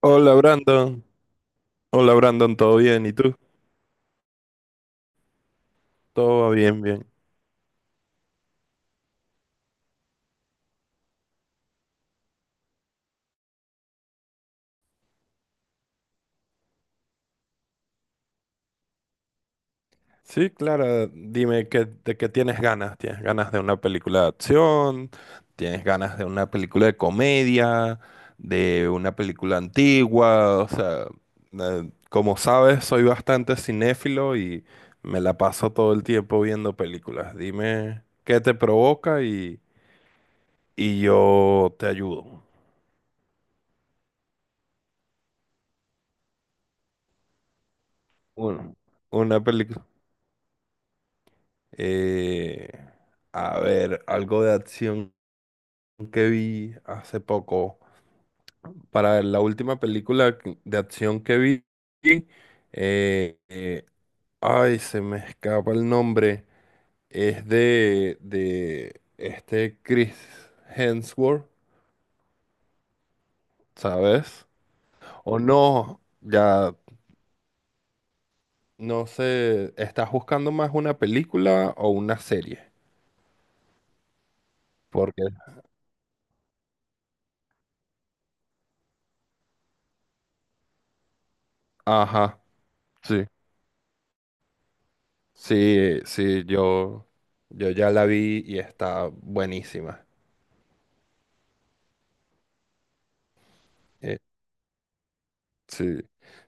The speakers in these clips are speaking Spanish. Hola Brandon, ¿todo bien? ¿Y tú? Todo va bien, bien. Sí, Clara, dime, ¿de qué tienes ganas? ¿Tienes ganas de una película de acción? ¿Tienes ganas de una película de comedia? ¿De una película antigua? O sea, como sabes, soy bastante cinéfilo y me la paso todo el tiempo viendo películas. Dime qué te provoca y, yo te ayudo. Bueno, una película. Eh, a ver, algo de acción que vi hace poco. Para ver, la última película de acción que vi, eh, eh, ay, se me escapa el nombre. Es de este Chris Hemsworth, ¿sabes? O no, ya no sé, ¿estás buscando más una película o una serie? Porque, ajá, sí. Sí, sí, yo ya la vi y está buenísima. Eh, sí.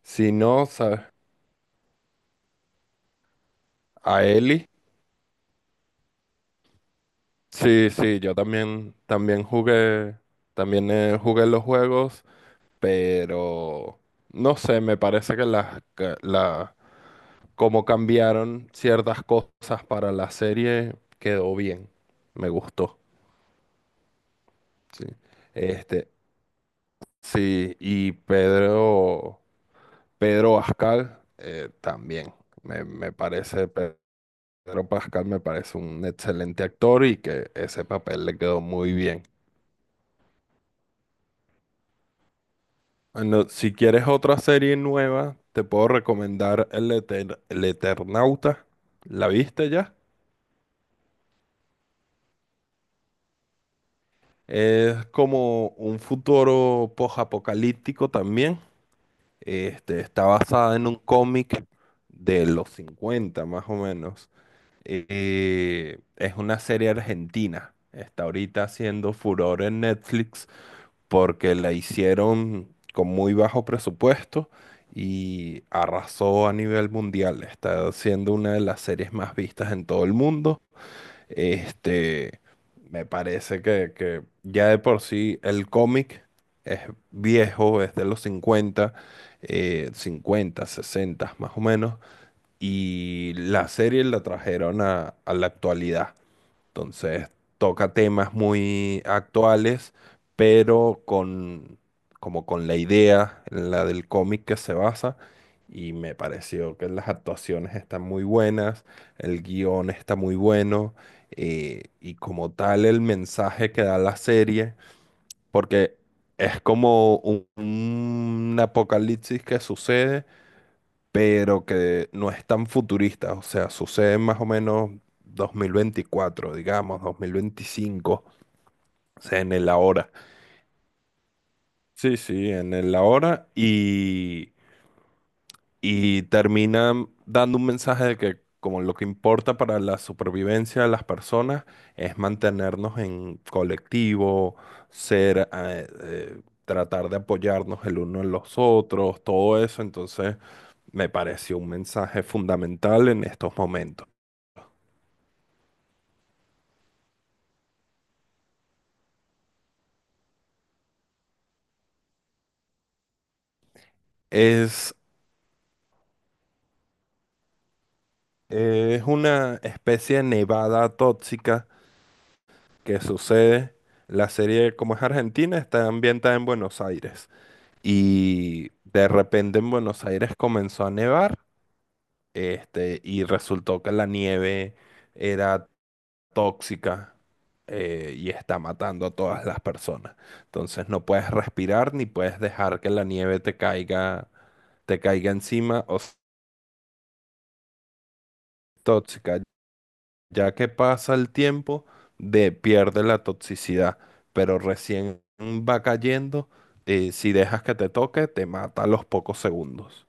Si no, ¿sabes? A Eli. Sí, sí, yo también, también jugué los juegos, pero no sé, me parece que la, como cambiaron ciertas cosas para la serie, quedó bien. Me gustó. Sí. Este, sí, y Pedro. Pedro Pascal también. Me parece, Pedro Pascal me parece un excelente actor y que ese papel le quedó muy bien. Bueno, si quieres otra serie nueva, te puedo recomendar El Eternauta. ¿La viste ya? Es como un futuro post-apocalíptico también. Este, está basada en un cómic de los 50 más o menos. Es una serie argentina. Está ahorita haciendo furor en Netflix porque la hicieron con muy bajo presupuesto y arrasó a nivel mundial. Está siendo una de las series más vistas en todo el mundo. Este, me parece que ya de por sí el cómic es viejo, es de los cincuenta, 50, 60 más o menos, y la serie la trajeron a la actualidad. Entonces toca temas muy actuales, pero con, como con la idea, la del cómic que se basa. Y me pareció que las actuaciones están muy buenas, el guión está muy bueno, y como tal el mensaje que da la serie, porque es como un apocalipsis que sucede pero que no es tan futurista, o sea, sucede más o menos 2024, digamos, 2025, o sea, en el ahora. Sí, sí, en el ahora y, termina dando un mensaje de que como lo que importa para la supervivencia de las personas es mantenernos en colectivo, ser, tratar de apoyarnos el uno en los otros, todo eso, entonces me pareció un mensaje fundamental en estos momentos. Es, es una especie de nevada tóxica que sucede. La serie, como es argentina, está ambientada en Buenos Aires. Y de repente en Buenos Aires comenzó a nevar, este, y resultó que la nieve era tóxica, y está matando a todas las personas. Entonces no puedes respirar ni puedes dejar que la nieve te caiga encima tóxica. Ya que pasa el tiempo, de, pierde la toxicidad, pero recién va cayendo, si dejas que te toque, te mata a los pocos segundos.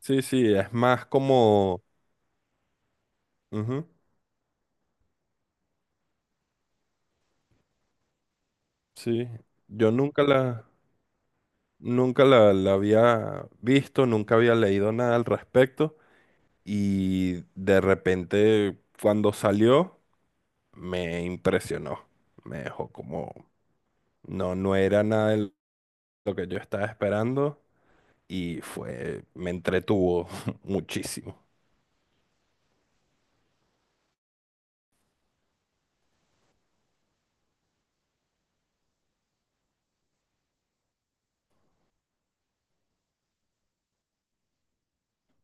Sí, sí, es más como... Ujú, sí, yo nunca la, la había visto, nunca había leído nada al respecto y de repente cuando salió me impresionó, me dejó como... No, no era nada de lo que yo estaba esperando y fue, me entretuvo muchísimo.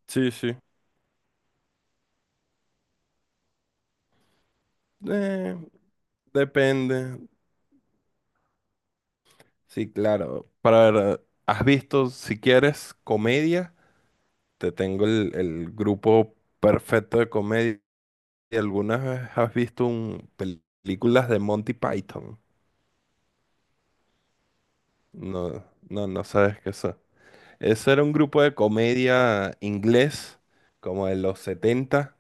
Sí, sí. Eh, depende. Sí, claro. Para ver, ¿has visto, si quieres, comedia? Te tengo el grupo perfecto de comedia. ¿Algunas vez has visto un, películas de Monty Python? No, no, no sabes qué es. Ese era un grupo de comedia inglés, como de los setenta.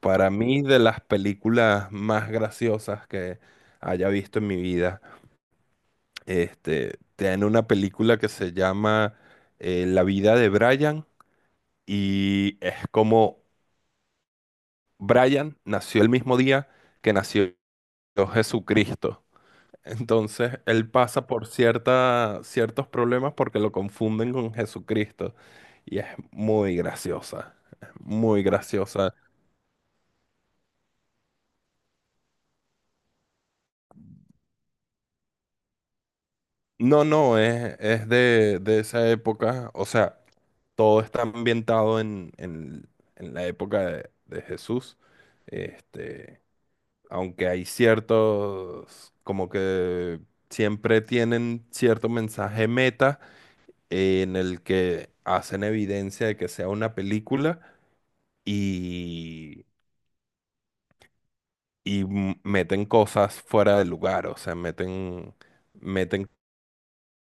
Para mí, de las películas más graciosas que haya visto en mi vida, este, tiene una película que se llama, La vida de Brian, y es como Brian nació el mismo día que nació Jesucristo. Entonces, él pasa por cierta, ciertos problemas porque lo confunden con Jesucristo, y es muy graciosa, es muy graciosa. No, no, es de esa época, o sea, todo está ambientado en, en la época de Jesús, este, aunque hay ciertos, como que siempre tienen cierto mensaje meta, en el que hacen evidencia de que sea una película y, meten cosas fuera de lugar, o sea, meten, meten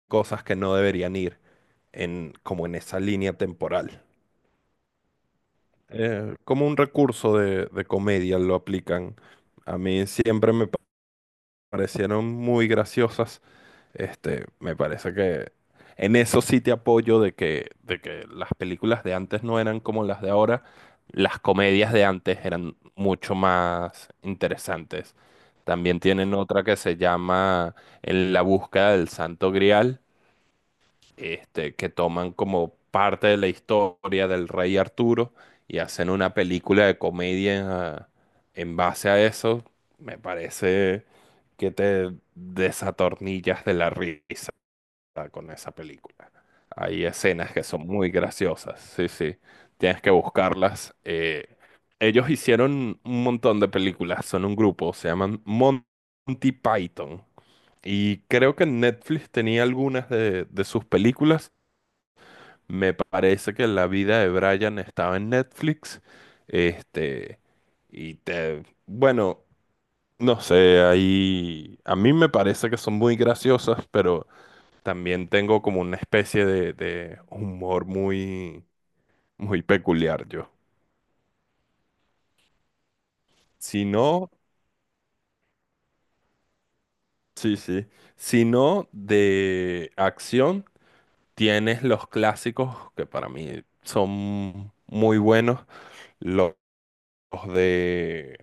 cosas que no deberían ir en, como en esa línea temporal. Como un recurso de comedia lo aplican. A mí siempre parecieron muy graciosas. Este, me parece que en eso sí te apoyo de de que las películas de antes no eran como las de ahora. Las comedias de antes eran mucho más interesantes. También tienen otra que se llama En la búsqueda del Santo Grial, este, que toman como parte de la historia del rey Arturo y hacen una película de comedia en, ah, en base a eso, me parece que te desatornillas de la risa con esa película. Hay escenas que son muy graciosas, sí, sí, tienes que buscarlas. Ellos hicieron un montón de películas, son un grupo, se llaman Monty Python. Y creo que Netflix tenía algunas de sus películas, me parece que La vida de Brian estaba en Netflix. Este, y te, bueno, no sé, ahí a mí me parece que son muy graciosas, pero también tengo como una especie de humor muy, muy peculiar yo. Si no, sí, sí. Si no, de acción, tienes los clásicos que para mí son muy buenos, los de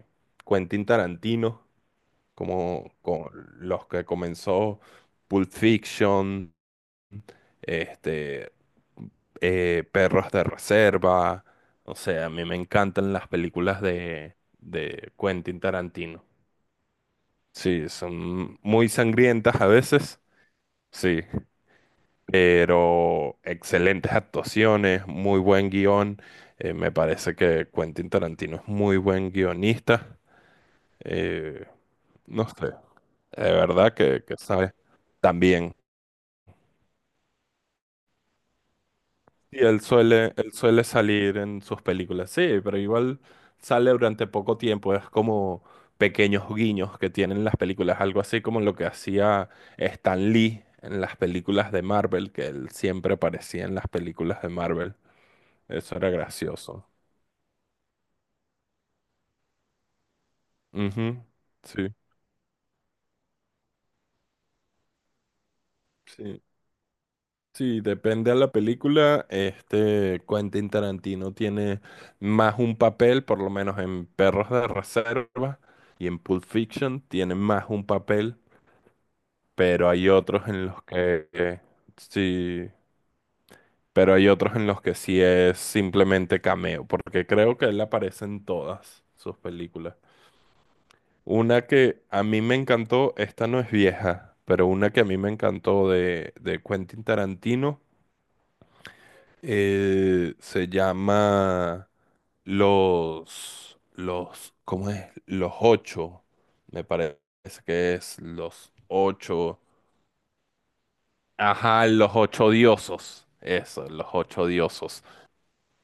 Quentin Tarantino, como con los que comenzó, Pulp Fiction, este, Perros de Reserva. O sea, a mí me encantan las películas de Quentin Tarantino. Sí, son muy sangrientas a veces, sí, pero excelentes actuaciones, muy buen guión. Me parece que Quentin Tarantino es muy buen guionista. Eh, no sé, de verdad que sabe. También. Y él suele salir en sus películas, sí, pero igual sale durante poco tiempo, es como pequeños guiños que tienen las películas, algo así como lo que hacía Stan Lee en las películas de Marvel, que él siempre aparecía en las películas de Marvel, eso era gracioso. Ujú, sí, sí. Sí, depende a la película. Este Quentin Tarantino tiene más un papel, por lo menos en Perros de Reserva y en Pulp Fiction tiene más un papel, pero hay otros en los que sí, pero hay otros en los que sí es simplemente cameo, porque creo que él aparece en todas sus películas. Una que a mí me encantó, esta no es vieja, pero una que a mí me encantó de Quentin Tarantino. Se llama ¿cómo es? Los ocho. Me parece que es los ocho. Ajá, los ocho diosos. Eso, los ocho diosos.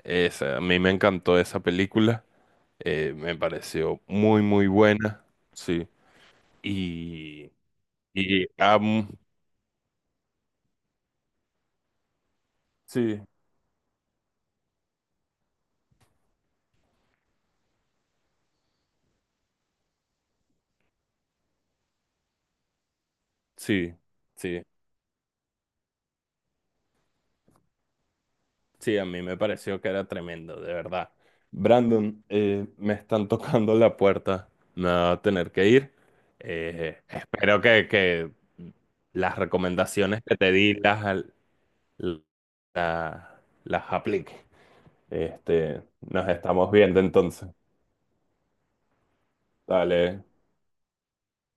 Esa, a mí me encantó esa película. Me pareció muy, muy buena. Sí. Y, y am- sí, sí, sí. Sí, a mí me pareció que era tremendo, de verdad. Brandon, me están tocando la puerta. Me va a tener que ir. Espero que las recomendaciones que te di las aplique. Este, nos estamos viendo entonces. Dale.